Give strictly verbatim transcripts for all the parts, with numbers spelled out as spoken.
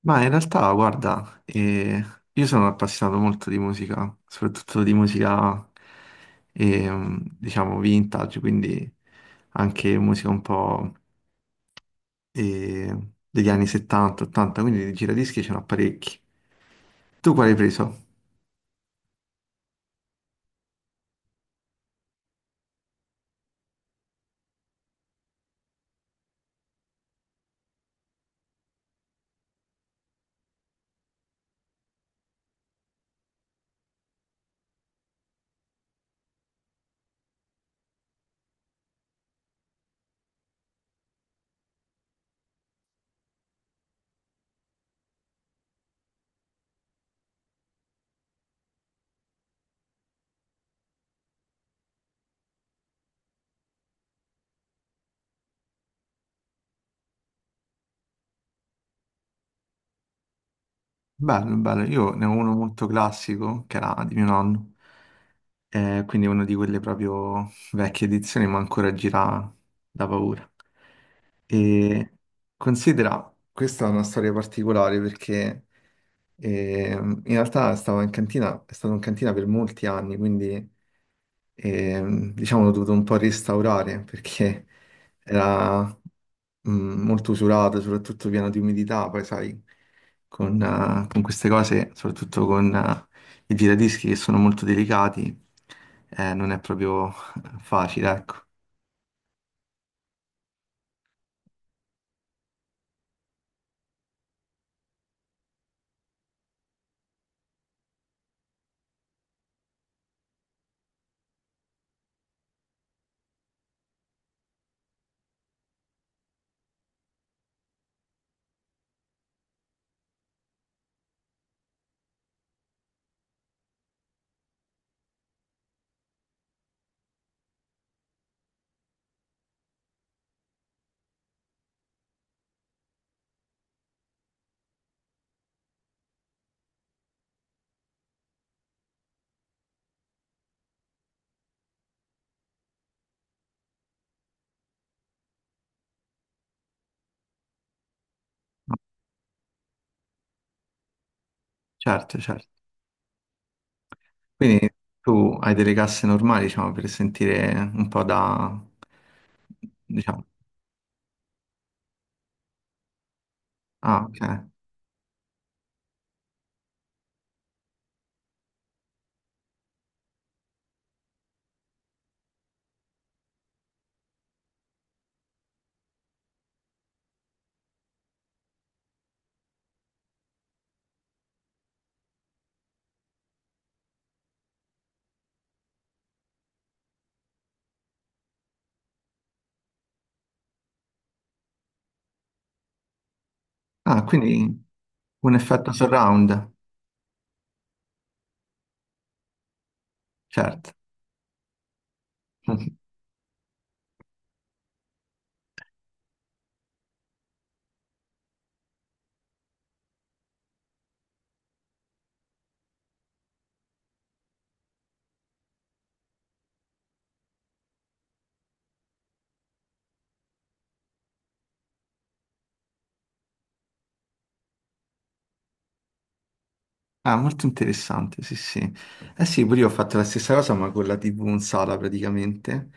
Ma in realtà, guarda, eh, io sono appassionato molto di musica, soprattutto di musica, ehm, diciamo, vintage, quindi anche musica un po' eh, degli anni settanta, ottanta, quindi di giradischi ce n'ho parecchi. Tu quale hai preso? Bello, bello. Io ne ho uno molto classico, che era di mio nonno, eh, quindi uno di quelle proprio vecchie edizioni, ma ancora gira da paura. E considera, questa è una storia particolare perché ehm, in realtà stavo in cantina, è stato in cantina per molti anni, quindi ehm, diciamo l'ho dovuto un po' restaurare perché era mm, molto usurato, soprattutto pieno di umidità, poi sai, con, eh, con queste cose, soprattutto con eh, i giradischi che sono molto delicati, eh, non è proprio facile, ecco. Certo, certo. Quindi tu hai delle casse normali, diciamo, per sentire un po' da... diciamo... Ah, ok. Ah, quindi un effetto surround, certo. Ah, molto interessante, sì, sì. Eh sì, pure io ho fatto la stessa cosa, ma con la T V in sala praticamente.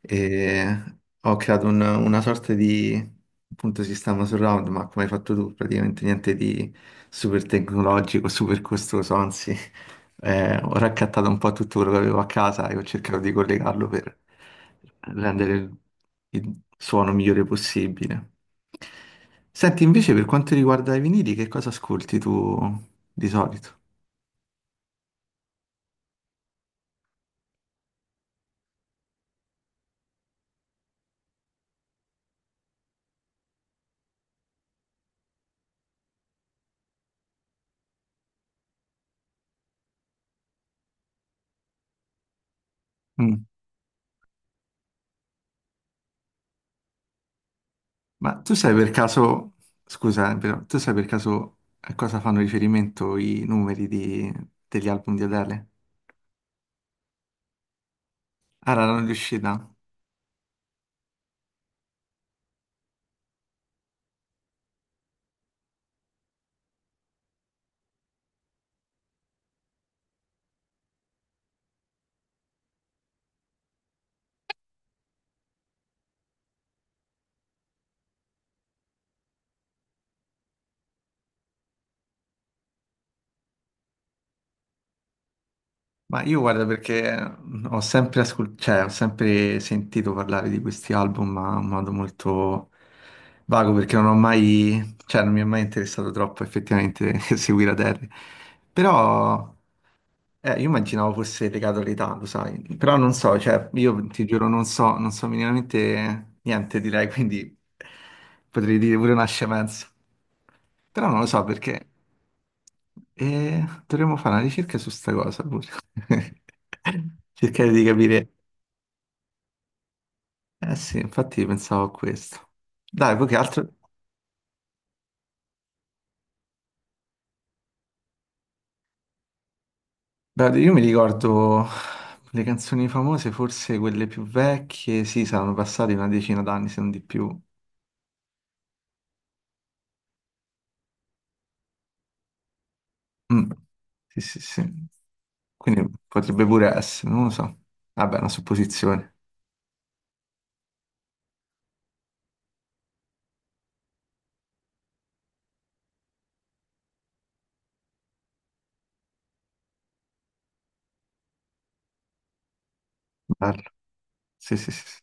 E ho creato un- una sorta di, appunto, sistema surround, ma come hai fatto tu, praticamente niente di super tecnologico, super costoso, anzi... Eh, ho raccattato un po' tutto quello che avevo a casa e ho cercato di collegarlo per rendere il, il suono migliore possibile. Senti, invece, per quanto riguarda i vinili, che cosa ascolti tu di solito? Mm. Ma tu sai per caso, scusa, eh, però, tu sai per caso a cosa fanno riferimento i numeri di- degli album di Adele? Ah, la non riuscita? Ma io guarda perché ho sempre, ascol- cioè, ho sempre sentito parlare di questi album, ma in modo molto vago perché non ho mai, cioè non mi è mai interessato troppo effettivamente seguire Adele. Però eh, io immaginavo fosse legato all'età, lo sai, però non so, cioè io ti giuro non so, non so minimamente niente direi, quindi potrei dire pure una scemenza. Però non lo so perché. E dovremmo fare una ricerca su sta cosa pure. Cercare di capire. Eh sì, infatti pensavo a questo. Dai, poi che altro... Beh, io mi ricordo le canzoni famose, forse quelle più vecchie, sì, saranno passate una decina d'anni, se non di più. Mm. Sì, sì, sì. Quindi potrebbe pure essere, non lo so. Vabbè, è una supposizione. Bello. Sì, sì, sì, sì.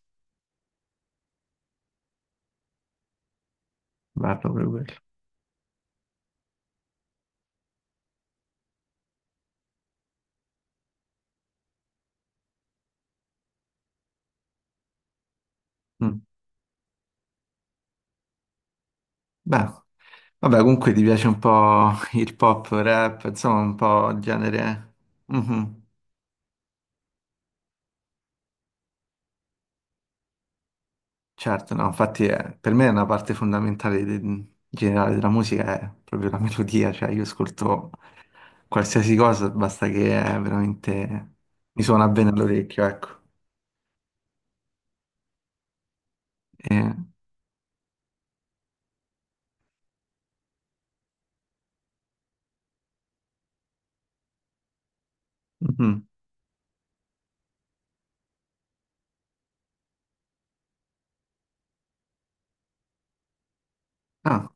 Bello per quello. Mm. Beh. Vabbè, comunque ti piace un po' il pop, rap, insomma, un po' il genere. Mhm. Certo, no, infatti è- per me è una parte fondamentale de- generale della musica, è proprio la melodia, cioè io ascolto qualsiasi cosa, basta che è veramente mi suona bene all'orecchio, ecco. E- mhm. Ah,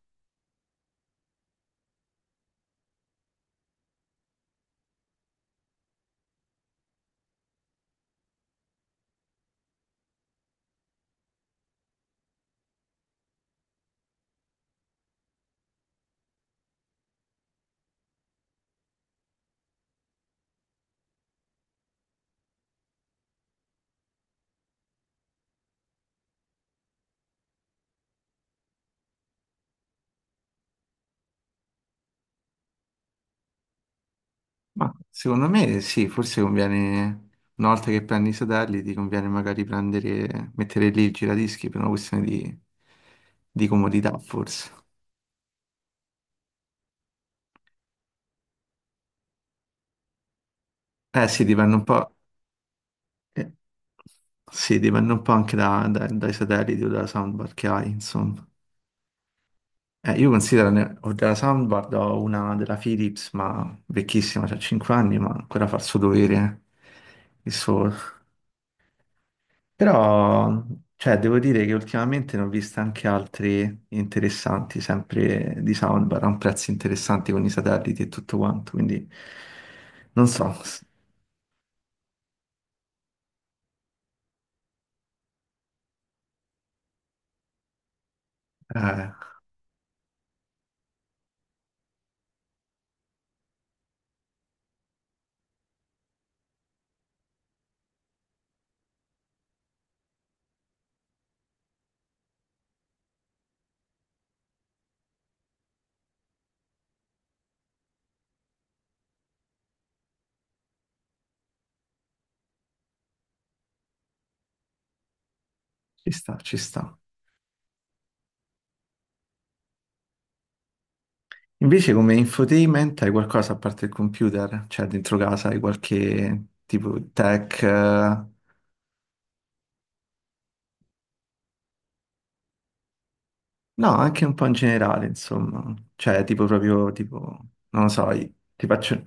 ma secondo me sì, forse conviene, una volta che prendi i satelliti, ti conviene magari prendere, mettere lì il giradischi per una questione di di comodità, forse. Eh sì, dipende un po'. eh, Sì, dipende un po' anche da- da- dai satelliti o dalla soundbar che hai, insomma. Eh, io considero, ne- ho della soundbar, ho una della Philips, ma vecchissima, c'ha cinque anni, ma ancora fa il suo dovere, eh, il suo. Però, cioè, devo dire che ultimamente ne ho viste anche altri interessanti, sempre di soundbar, a un prezzo interessante con i satelliti e tutto quanto, quindi non so, s- eh, ci sta, ci sta. Invece come infotainment hai qualcosa a parte il computer? Cioè dentro casa hai qualche tipo tech? eh, No, anche un po' in generale, insomma. Cioè tipo proprio tipo, non lo so, i- ti faccio...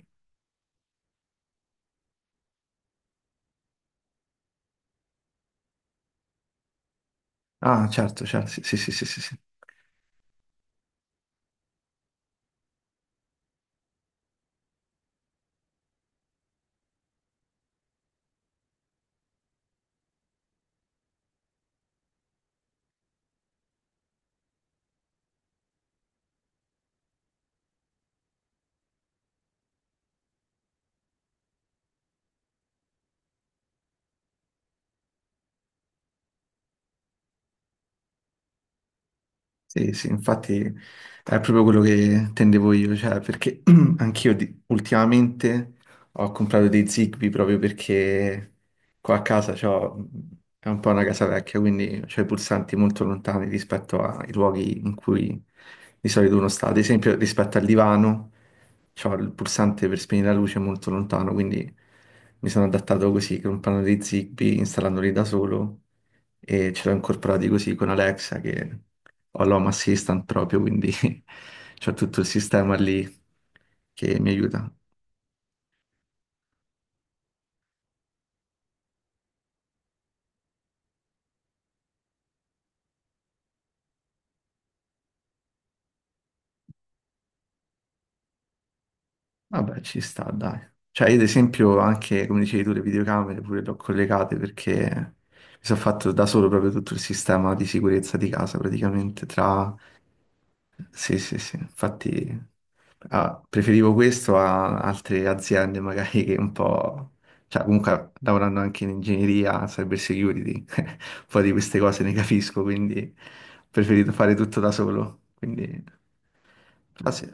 Ah, certo, certo, sì, sì, sì, sì, sì, sì. Sì, sì, infatti è proprio quello che tendevo io, cioè perché anch'io di- ultimamente ho comprato dei Zigbee proprio perché qua a casa c'ho, è un po' una casa vecchia, quindi c'ho i pulsanti molto lontani rispetto ai luoghi in cui di solito uno sta. Ad esempio rispetto al divano c'ho il pulsante per spegnere la luce molto lontano, quindi mi sono adattato così, comprando dei Zigbee, installandoli da solo e ce l'ho incorporati così con Alexa che ho l'Home Assistant proprio, quindi c'ho tutto il sistema lì che mi aiuta. Vabbè, ci sta, dai. Cioè, io ad esempio anche, come dicevi tu, le videocamere pure le ho collegate perché mi sono fatto da solo proprio tutto il sistema di sicurezza di casa, praticamente, tra sì, sì, sì, infatti ah, preferivo questo a altre aziende magari che un po', cioè comunque lavorando anche in ingegneria, cyber security, un po' di queste cose ne capisco, quindi ho preferito fare tutto da solo, quindi però sì,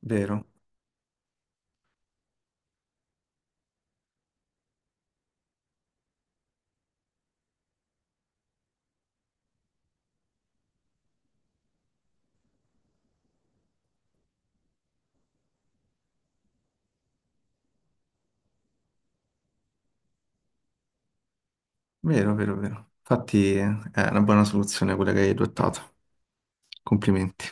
vero, vero, vero, vero. Infatti eh, è una buona soluzione quella che hai adottato, complimenti.